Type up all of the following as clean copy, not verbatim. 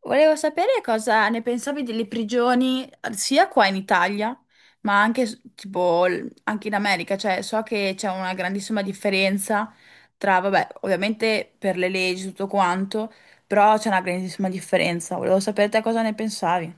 Volevo sapere cosa ne pensavi delle prigioni sia qua in Italia, ma anche anche in America, cioè so che c'è una grandissima differenza tra, vabbè, ovviamente per le leggi tutto quanto, però c'è una grandissima differenza. Volevo sapere te cosa ne pensavi.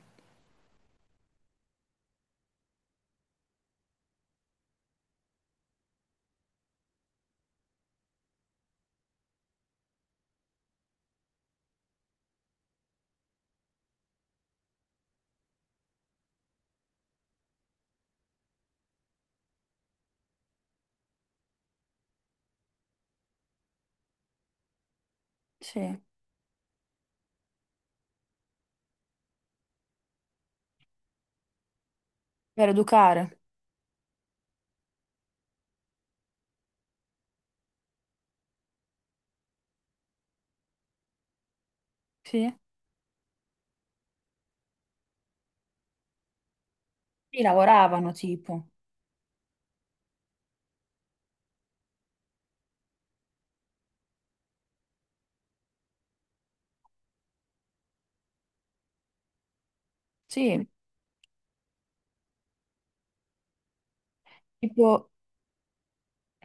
Sì, per educare. Sì? Sì, lavoravano tipo. Sì. Tipo,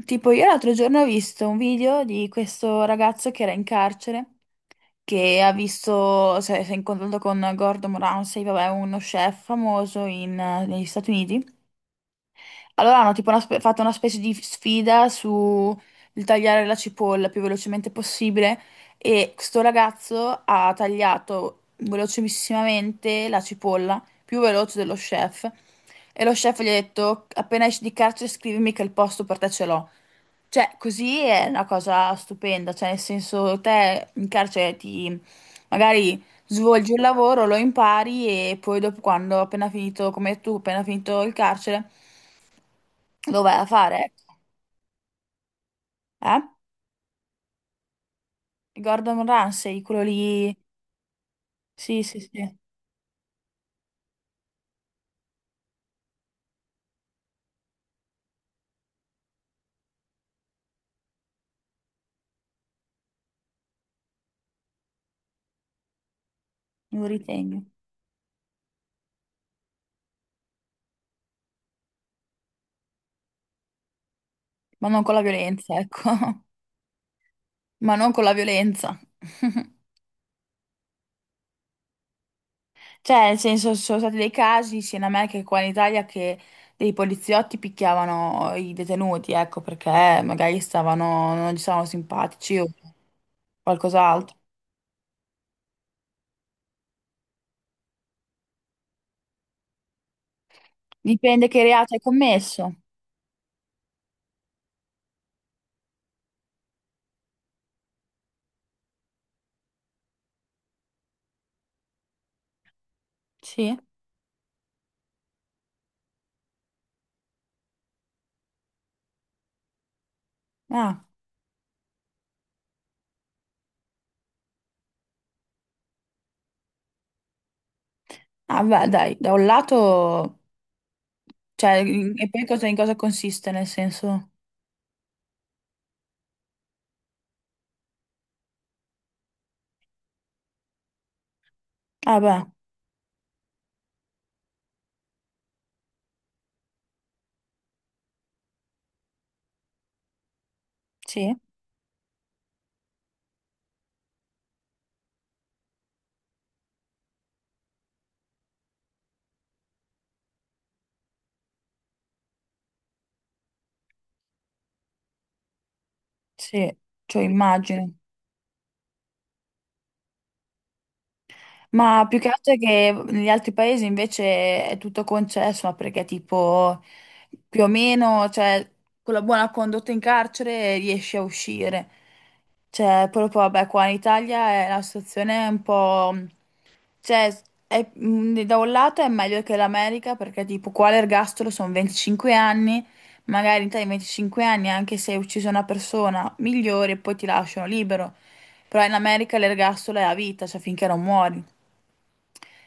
tipo, io l'altro giorno ho visto un video di questo ragazzo che era in carcere, che ha visto, si è incontrato con Gordon Ramsay, vabbè, uno chef famoso negli Stati Uniti. Allora hanno fatto una specie di sfida su il tagliare la cipolla più velocemente possibile, e questo ragazzo ha tagliato velocissimamente la cipolla, più veloce dello chef. E lo chef gli ha detto, appena esci di carcere scrivimi che il posto per te ce l'ho. Cioè, così è una cosa stupenda, cioè nel senso te in carcere ti magari svolgi un lavoro, lo impari e poi dopo quando appena finito, come tu, appena finito il carcere, lo vai a fare, ecco. Eh? Gordon Ramsay, quello lì, sì, sì, sì, lo ritengo, ma non con la violenza, ecco, ma non con la violenza. Cioè, nel senso, ci sono stati dei casi sia in America che qua in Italia che dei poliziotti picchiavano i detenuti, ecco, perché magari stavano, non gli stavano simpatici o qualcos'altro. Dipende che reato hai commesso. Sì? Ah, ah, beh, dai, da un lato... Cioè, e poi cosa, in cosa consiste, nel senso... Ah, beh, sì, sì, cioè immagino. Ma più che altro è che negli altri paesi invece è tutto concesso, ma perché tipo più o meno, cioè, con la buona condotta in carcere riesci a uscire. Cioè, proprio, vabbè, qua in Italia la situazione è un po'... Cioè, da un lato è meglio che l'America, perché tipo qua l'ergastolo sono 25 anni, magari in Italia i 25 anni, anche se hai ucciso una persona, migliore, poi ti lasciano libero. Però in America l'ergastolo è a vita, cioè finché non muori.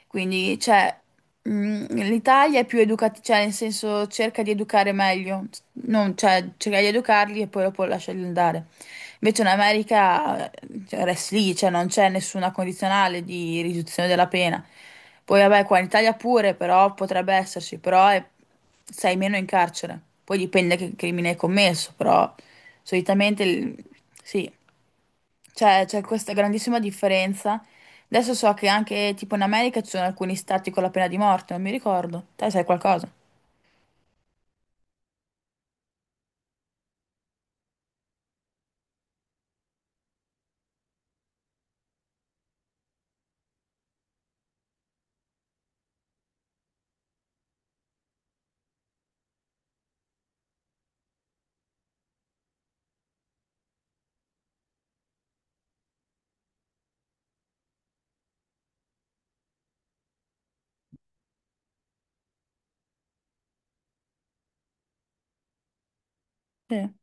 Quindi, cioè, l'Italia è più educativa, cioè, nel senso, cerca di educare meglio, non, cioè, cerca di educarli e poi dopo lasciarli andare. Invece in America, cioè, rest lì, cioè, non c'è nessuna condizionale di riduzione della pena. Poi, vabbè, qua in Italia pure, però potrebbe esserci, però sei meno in carcere. Poi dipende che crimine hai commesso, però solitamente, sì. Cioè, c'è questa grandissima differenza. Adesso so che anche tipo in America ci sono alcuni stati con la pena di morte, non mi ricordo. Te sai qualcosa? Sì.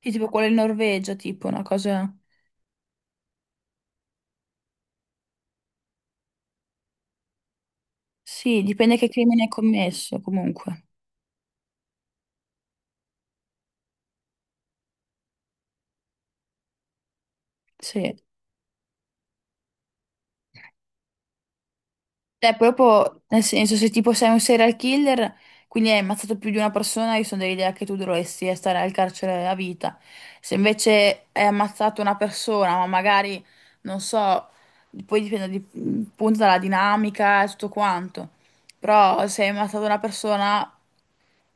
Sì, tipo quello in Norvegia, tipo una cosa... Sì, dipende che crimine hai commesso, comunque. Sì. Cioè, proprio, nel senso, se tipo sei un serial killer, quindi hai ammazzato più di una persona, io sono dell'idea che tu dovresti stare al carcere a vita. Se invece hai ammazzato una persona, ma magari, non so, poi dipende appunto dalla dinamica e tutto quanto, però se hai ammazzato una persona,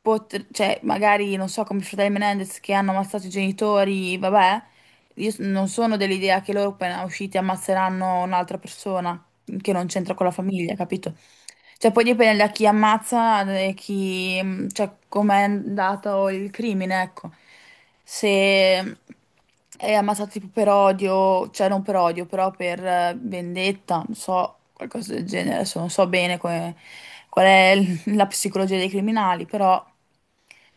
cioè, magari, non so, come i fratelli Menendez che hanno ammazzato i genitori, vabbè, io non sono dell'idea che loro appena usciti ammazzeranno un'altra persona che non c'entra con la famiglia, capito? Cioè, poi dipende da chi ammazza e chi, cioè, com'è andato il crimine, ecco. Se è ammazzato tipo per odio, cioè non per odio, però per vendetta, non so, qualcosa del genere, adesso non so bene qual è la psicologia dei criminali, però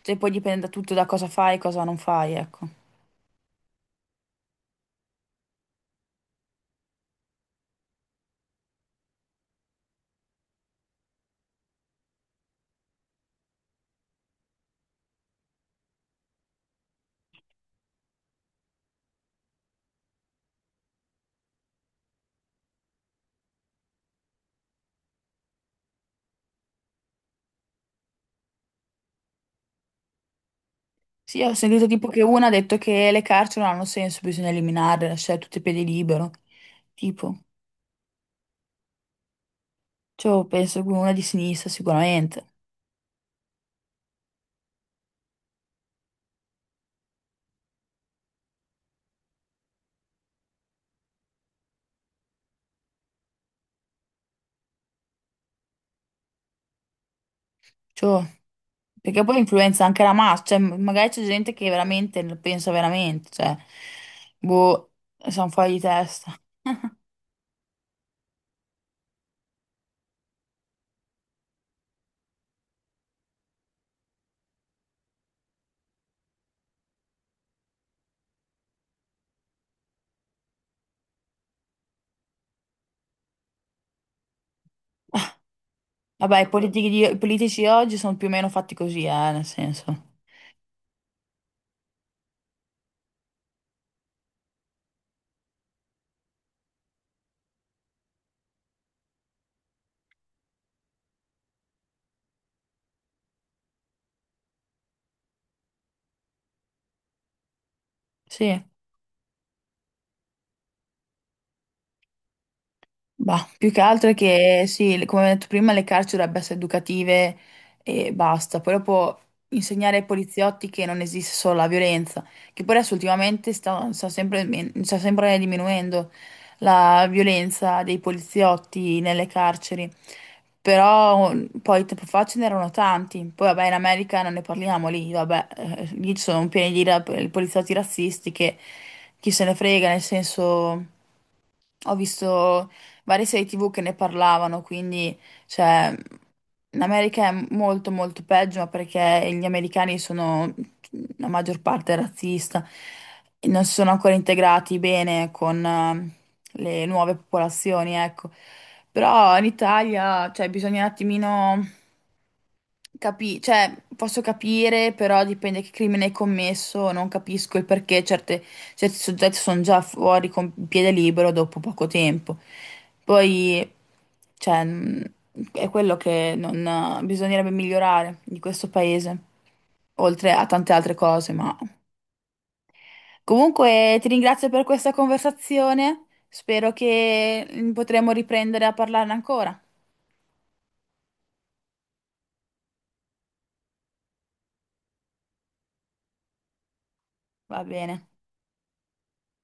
cioè, poi dipende da tutto da cosa fai e cosa non fai, ecco. Sì, ho sentito tipo che una ha detto che le carceri non hanno senso, bisogna eliminarle, lasciare tutti i piedi libero. Tipo, cioè, penso che una di sinistra sicuramente. Cioè, perché poi influenza anche la massa, cioè, magari c'è gente che veramente lo pensa veramente, cioè, boh, sono fuori di testa. Vabbè, i politici, i politici oggi sono più o meno fatti così, nel senso. Sì. Bah, più che altro è che sì, come ho detto prima, le carceri dovrebbero essere educative e basta. Poi dopo insegnare ai poliziotti che non esiste solo la violenza, che poi adesso ultimamente sta sempre diminuendo la violenza dei poliziotti nelle carceri. Però mm, poi tempo fa ce n'erano tanti. Poi vabbè, in America non ne parliamo lì, vabbè, lì ci sono pieni di poliziotti razzisti che chi se ne frega, nel senso. Ho visto varie serie TV che ne parlavano, quindi cioè, in America è molto molto peggio, ma perché gli americani sono la maggior parte razzista e non si sono ancora integrati bene con le nuove popolazioni, ecco. Però in Italia, cioè, bisogna un attimino cioè, posso capire, però dipende che crimine hai commesso, non capisco il perché certi soggetti sono già fuori con piede libero dopo poco tempo. Poi, cioè, è quello che non, bisognerebbe migliorare di questo paese, oltre a tante altre cose, ma... Comunque, ti ringrazio per questa conversazione, spero che potremo riprendere a parlarne ancora. Va bene.